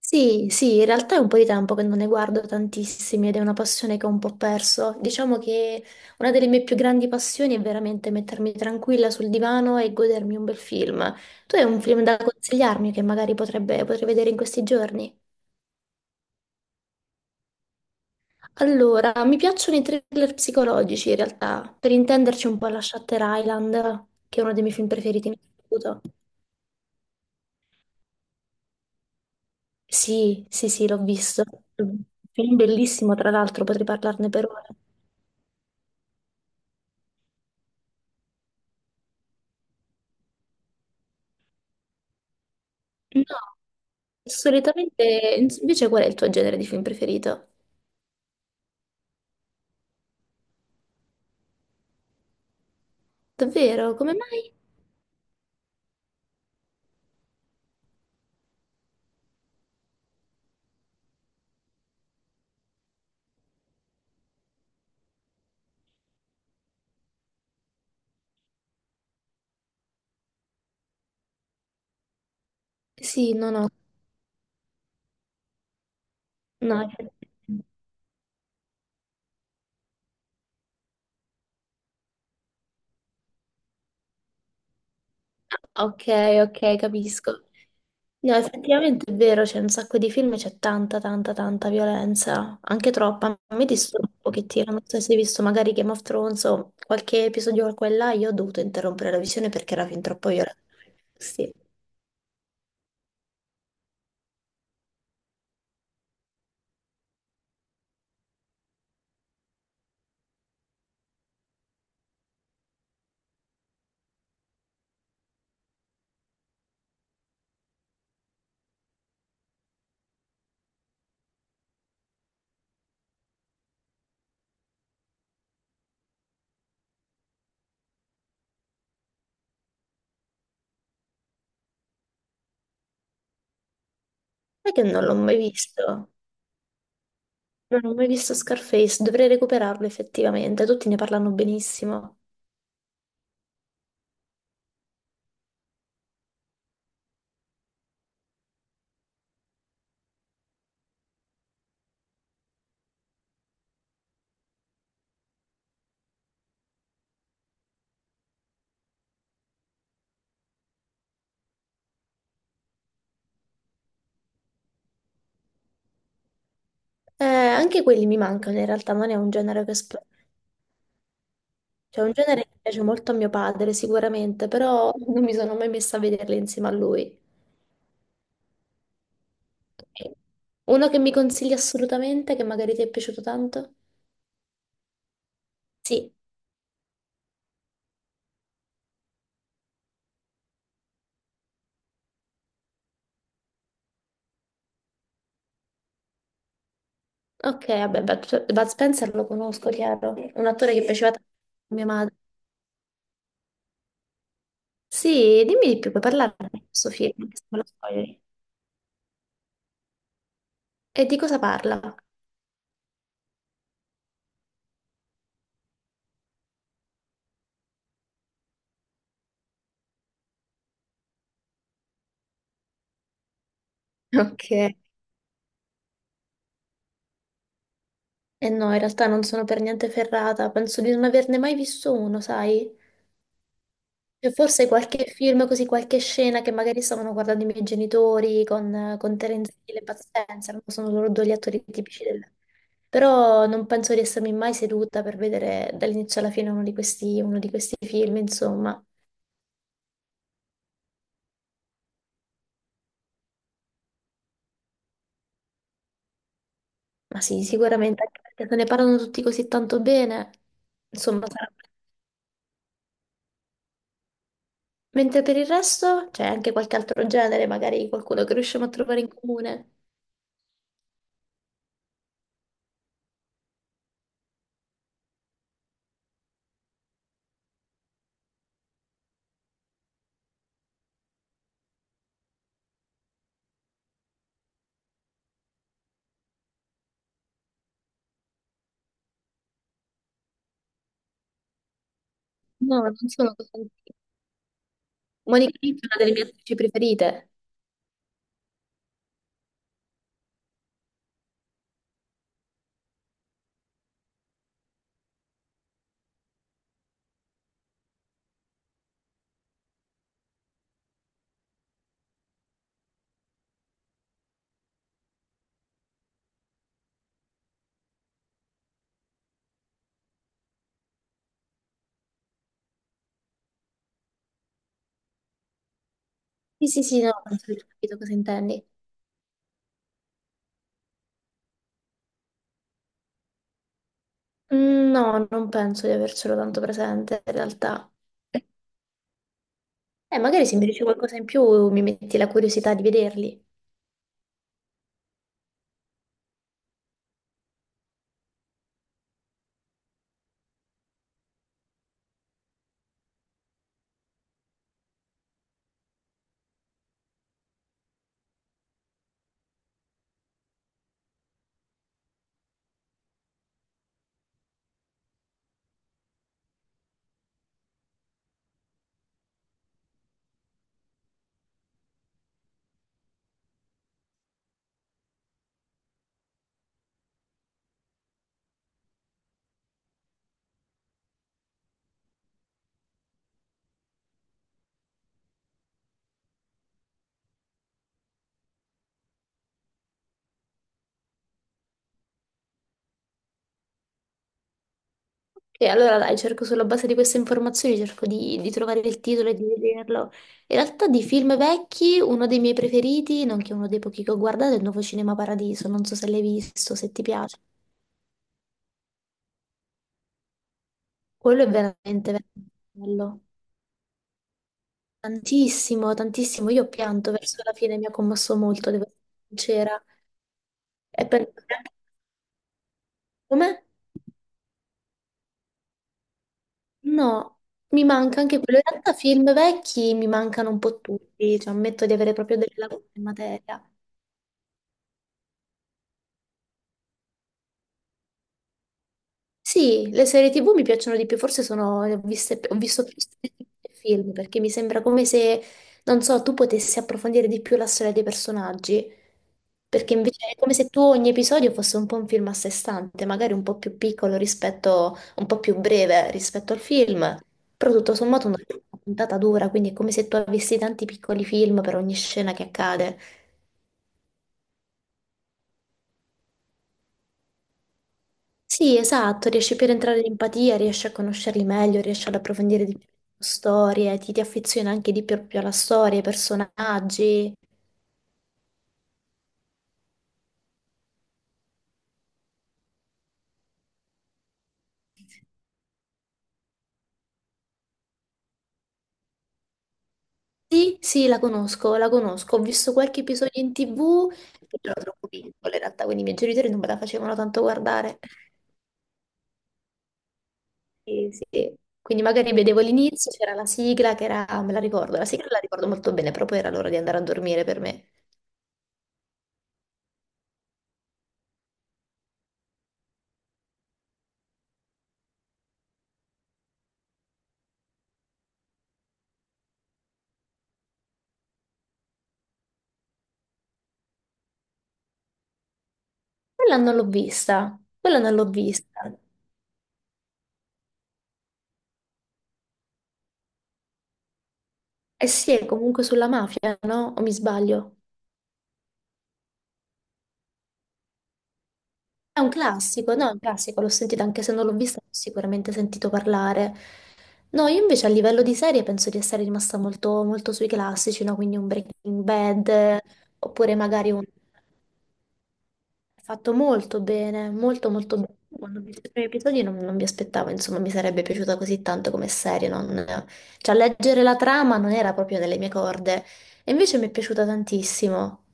Sì, sì, in realtà è un po' di tempo che non ne guardo tantissimi ed è una passione che ho un po' perso. Diciamo che una delle mie più grandi passioni è veramente mettermi tranquilla sul divano e godermi un bel film. Tu hai un film da consigliarmi che magari potrei vedere in questi giorni? Allora, mi piacciono i thriller psicologici in realtà. Per intenderci un po' la Shutter Island, che è uno dei miei film preferiti in assoluto. Sì, sì, sì, l'ho visto. Un Film bellissimo, tra l'altro, potrei parlarne per ore. No. Solitamente, invece, qual è il tuo genere di film preferito? Davvero? Come mai? Sì, no, no, no. Ah, ok, ok, capisco. No, effettivamente è vero, c'è un sacco di film, e c'è tanta, tanta, tanta violenza, anche troppa. A me disturba un pochettino, non so se hai visto magari Game of Thrones o qualche episodio qua e là, io ho dovuto interrompere la visione perché era fin troppo violento. Sì, è che non l'ho mai visto, non ho mai visto Scarface, dovrei recuperarlo effettivamente, tutti ne parlano benissimo. Anche quelli mi mancano in realtà, non è un genere che esploro. Cioè, è un genere che piace molto a mio padre, sicuramente, però non mi sono mai messa a vederli insieme a lui. Ok. Uno che mi consigli assolutamente, che magari ti è piaciuto tanto? Sì, ok, vabbè, Bud Spencer lo conosco, chiaro. Un attore che piaceva tanto a mia madre. Sì, dimmi di più, puoi parlarne di questo film, anche se me lo spoileri. E di cosa parla? Ok. E no, in realtà non sono per niente ferrata, penso di non averne mai visto uno, sai? E forse qualche film, così qualche scena che magari stavano guardando i miei genitori con, Terence Hill e Bud Spencer, no? Sono loro due gli attori tipici del... Però non penso di essermi mai seduta per vedere dall'inizio alla fine uno di questi film, insomma. Ma sì, sicuramente, anche perché se ne parlano tutti così tanto bene, insomma, sarà... Mentre per il resto c'è anche qualche altro genere, magari qualcuno che riusciamo a trovare in comune. No, non sono così. Monica Vitti è una delle mie attrici preferite. Sì, sì, sì, no, penso di aver capito cosa intendi. Mm, no, non penso di avercelo tanto presente in realtà. Eh, magari se mi dici qualcosa in più mi metti la curiosità di vederli. E allora dai, cerco sulla base di queste informazioni, cerco di trovare il titolo e di vederlo. In realtà di film vecchi, uno dei miei preferiti, nonché uno dei pochi che ho guardato, è il nuovo Cinema Paradiso. Non so se l'hai visto, se ti piace. Quello è veramente, veramente bello. Tantissimo, tantissimo. Io ho pianto verso la fine, mi ha commosso molto, devo essere sincera. E per... Come? No, mi manca anche quello. In realtà film vecchi mi mancano un po' tutti, cioè ammetto di avere proprio delle lacune in materia. Sì, le serie TV mi piacciono di più, forse sono, ho visto più serie TV che film, perché mi sembra come se, non so, tu potessi approfondire di più la storia dei personaggi, perché invece è come se tu ogni episodio fosse un po' un film a sé stante, magari un po' più piccolo rispetto, un po' più breve rispetto al film, però tutto sommato una puntata dura, quindi è come se tu avessi tanti piccoli film per ogni scena che accade. Sì, esatto, riesci più ad entrare in empatia, riesci a conoscerli meglio, riesci ad approfondire di più le storie, ti affezioni anche di più alla storia, ai personaggi. Sì, sì, la conosco, la conosco. Ho visto qualche episodio in TV, però ero troppo piccola in realtà, quindi i miei genitori non me la facevano tanto guardare. Sì, sì. Quindi magari vedevo l'inizio, c'era la sigla che era, me la ricordo, la sigla la ricordo molto bene, però poi era l'ora di andare a dormire per me. Quella non l'ho vista, quella non l'ho vista. Eh sì, è comunque sulla mafia, no? O mi sbaglio? È un classico, no? È un classico, l'ho sentito, anche se non l'ho vista, l'ho sicuramente sentito parlare. No, io invece a livello di serie penso di essere rimasta molto, molto sui classici, no? Quindi un Breaking Bad, oppure magari un... Fatto molto bene, molto molto bene. Quando ho visto i primi episodi non mi aspettavo, insomma, mi sarebbe piaciuta così tanto come serie, non... Cioè, leggere la trama non era proprio nelle mie corde, e invece mi è piaciuta tantissimo.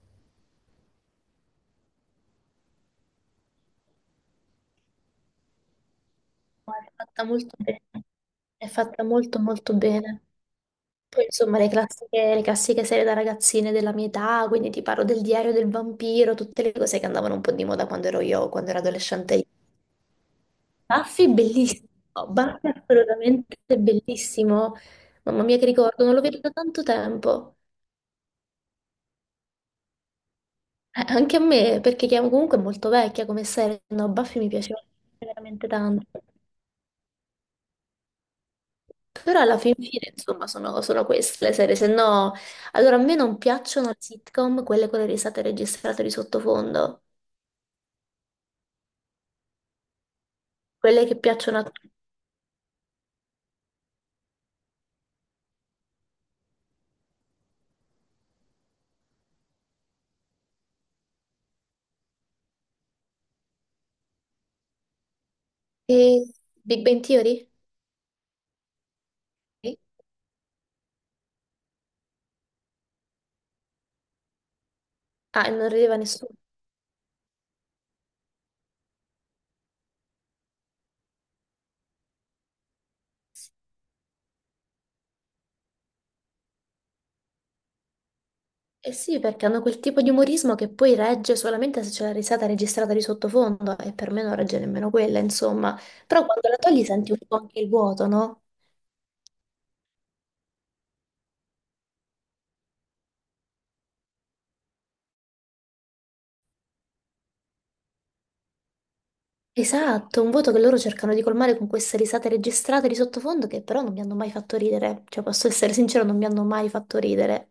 È fatta molto bene, è fatta molto molto bene. Poi insomma le classiche serie da ragazzine della mia età, quindi ti parlo del diario del vampiro, tutte le cose che andavano un po' di moda quando ero io, quando ero adolescente. Io. Buffy bellissimo, Buffy assolutamente bellissimo. Mamma mia che ricordo, non lo vedo da tanto tempo. Anche a me, perché chiamo comunque è molto vecchia come serie, no, Buffy mi piaceva veramente tanto. Però alla fin fine, insomma, sono solo queste le serie, se no... Allora, a me non piacciono le sitcom, quelle con le risate registrate di sottofondo, quelle che piacciono a tutti. Big Bang Theory? Sì. Ah, e non rideva nessuno. Eh sì, perché hanno quel tipo di umorismo che poi regge solamente se c'è la risata registrata di sottofondo, e per me non regge nemmeno quella, insomma. Però quando la togli senti un po' anche il vuoto, no? Esatto, un voto che loro cercano di colmare con queste risate registrate di sottofondo che però non mi hanno mai fatto ridere. Cioè, posso essere sincero, non mi hanno mai fatto ridere.